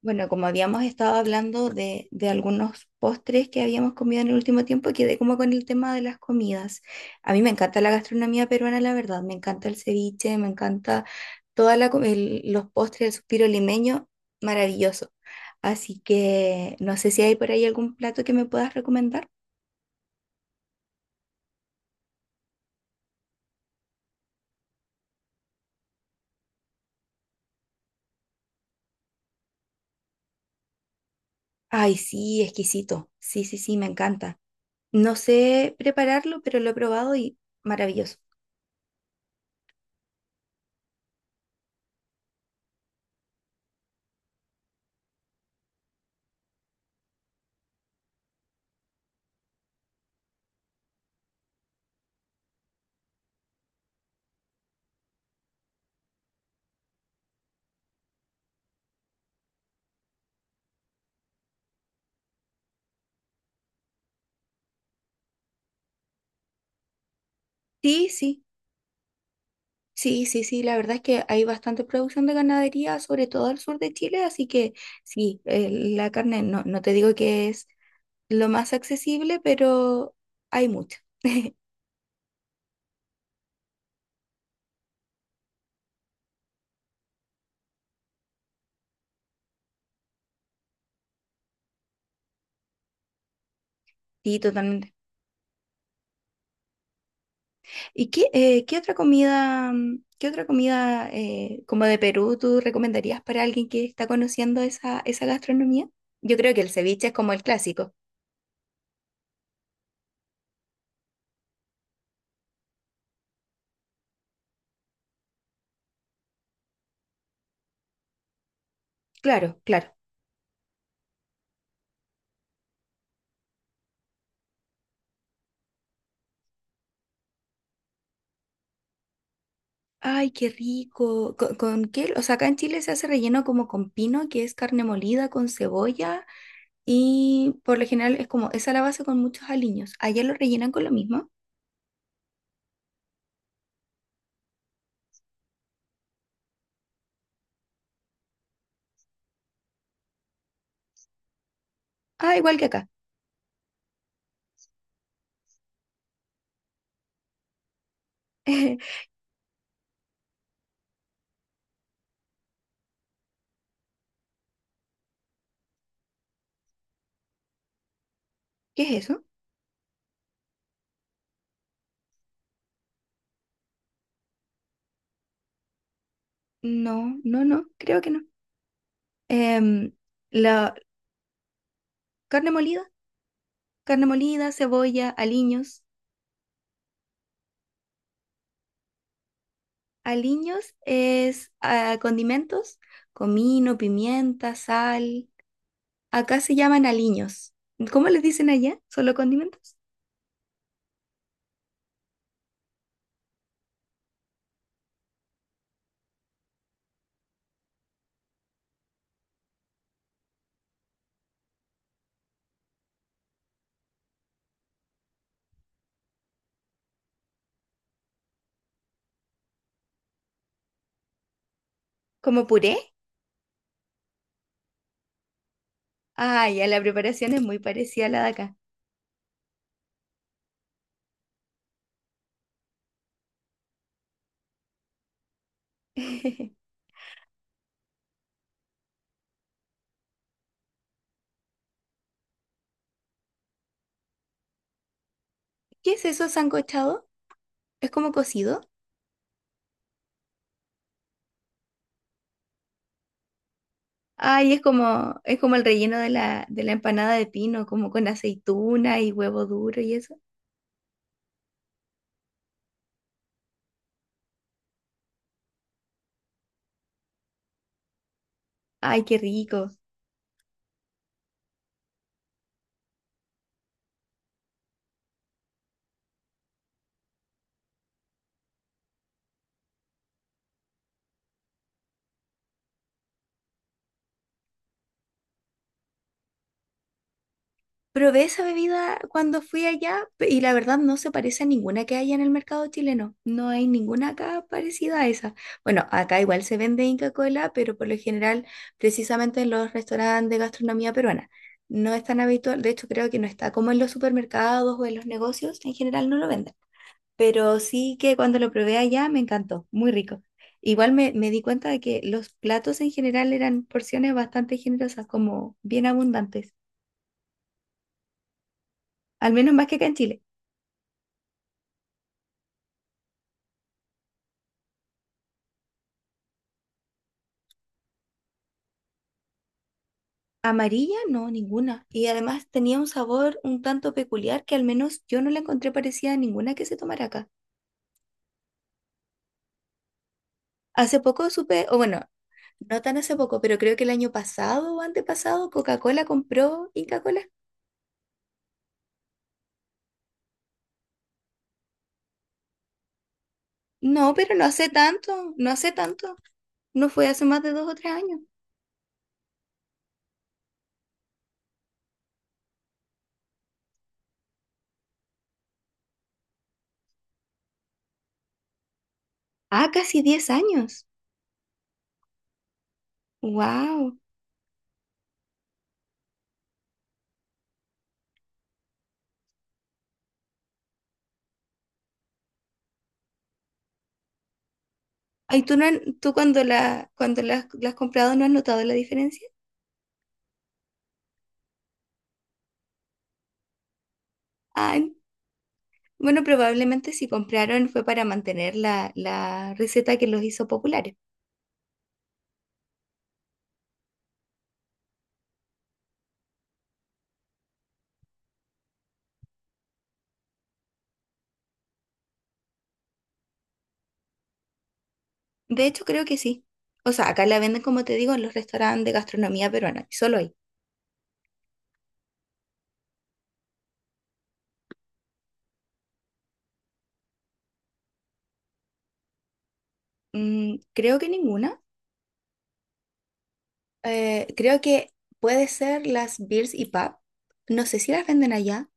Bueno, como habíamos estado hablando de algunos postres que habíamos comido en el último tiempo, quedé como con el tema de las comidas. A mí me encanta la gastronomía peruana, la verdad. Me encanta el ceviche, me encanta toda la, co- el- los postres, el suspiro limeño, maravilloso. Así que no sé si hay por ahí algún plato que me puedas recomendar. Ay, sí, exquisito. Sí, sí, sí, me encanta. No sé prepararlo, pero lo he probado y maravilloso. Sí, sí. Sí, sí, sí, la verdad es que hay bastante producción de ganadería, sobre todo al sur de Chile, así que sí, la carne no, no te digo que es lo más accesible, pero hay mucha. Sí, totalmente. ¿Y qué, qué otra comida, qué otra comida como de Perú tú recomendarías para alguien que está conociendo esa gastronomía? Yo creo que el ceviche es como el clásico. Claro, claro. Ay, qué rico. Con qué? O sea, acá en Chile se hace relleno como con pino, que es carne molida con cebolla. Y por lo general es como esa la base con muchos aliños. Allá lo rellenan con lo mismo. Ah, igual que acá. ¿Qué es eso? No, no, no, creo que no. Em, la carne molida, cebolla, aliños. Aliños es ah, condimentos, comino, pimienta, sal. Acá se llaman aliños. ¿Cómo les dicen allá? ¿Solo condimentos? ¿Como puré? Ah, ya la preparación es muy parecida a la de acá. ¿Qué es eso sancochado? ¿Es como cocido? Ay, es como el relleno de la empanada de pino, como con aceituna y huevo duro y eso. Ay, qué rico. Probé esa bebida cuando fui allá y la verdad no se parece a ninguna que haya en el mercado chileno. No hay ninguna acá parecida a esa. Bueno, acá igual se vende Inca Kola, pero por lo general precisamente en los restaurantes de gastronomía peruana. No es tan habitual, de hecho creo que no está como en los supermercados o en los negocios, en general no lo venden. Pero sí que cuando lo probé allá me encantó, muy rico. Igual me di cuenta de que los platos en general eran porciones bastante generosas, como bien abundantes, al menos más que acá en Chile. Amarilla, no, ninguna. Y además tenía un sabor un tanto peculiar que al menos yo no la encontré parecida a ninguna que se tomara acá. Hace poco supe, o bueno, no tan hace poco, pero creo que el año pasado o antepasado Coca-Cola compró Inca-Cola. No, pero no hace tanto, no hace tanto. No fue hace más de dos o tres años. Ah, casi 10 años. Wow. Ay, ¿tú, no, han- tú cuando la has comprado, ¿no has notado la diferencia? Ah, bueno, probablemente si compraron fue para mantener la receta que los hizo populares. De hecho, creo que sí. O sea, acá la venden, como te digo, en los restaurantes de gastronomía peruana, y solo ahí. Mm, creo que ninguna. Creo que puede ser las Beers y Pub. No sé si las venden allá.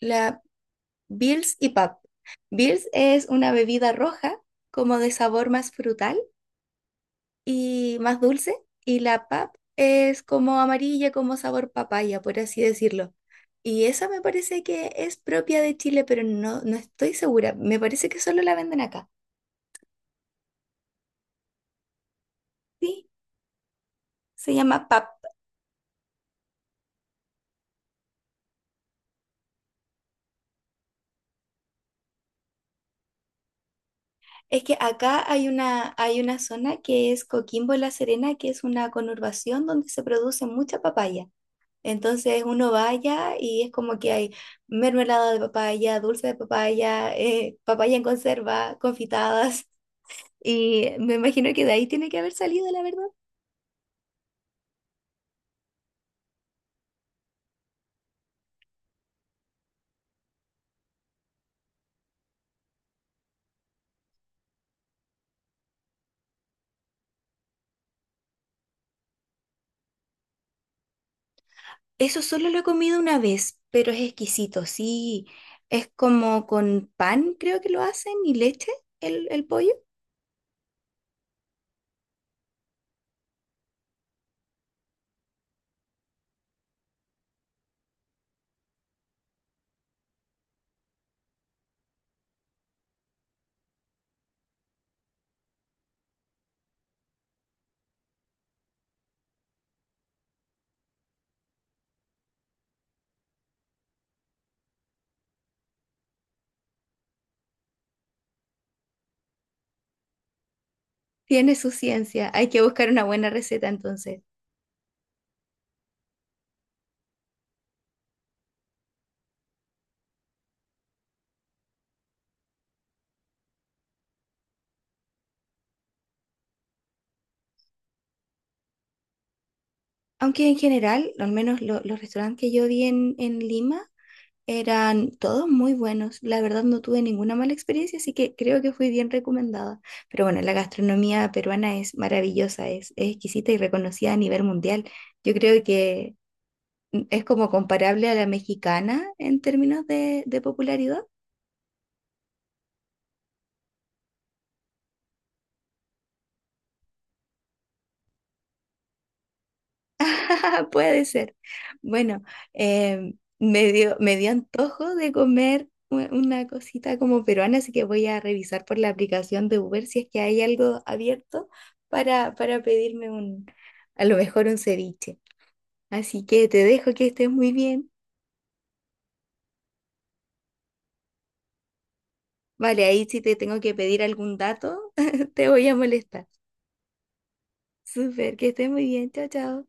La, Bills y Pub. Bills es una bebida roja, como de sabor más frutal y más dulce, y la Pub es como amarilla, como sabor papaya, por así decirlo. Y esa me parece que es propia de Chile, pero no, no estoy segura. Me parece que solo la venden acá. Sí, se llama PAP. Es que acá hay hay una zona que es Coquimbo y La Serena, que es una conurbación donde se produce mucha papaya. Entonces uno vaya y es como que hay mermelada de papaya, dulce de papaya, papaya en conserva, confitadas. Y me imagino que de ahí tiene que haber salido, la verdad. Eso solo lo he comido una vez, pero es exquisito, sí. Es como con pan, creo que lo hacen, y leche, el pollo. Tiene su ciencia, hay que buscar una buena receta entonces. Aunque en general, al menos los restaurantes que yo vi en Lima, eran todos muy buenos. La verdad no tuve ninguna mala experiencia, así que creo que fui bien recomendada. Pero bueno, la gastronomía peruana es maravillosa, es exquisita y reconocida a nivel mundial. Yo creo que es como comparable a la mexicana en términos de popularidad. Puede ser. Bueno, me dio antojo de comer una cosita como peruana, así que voy a revisar por la aplicación de Uber si es que hay algo abierto para pedirme un, a lo mejor un ceviche. Así que te dejo que estés muy bien. Vale, ahí si te tengo que pedir algún dato, te voy a molestar. Súper, que estés muy bien. Chao, chao.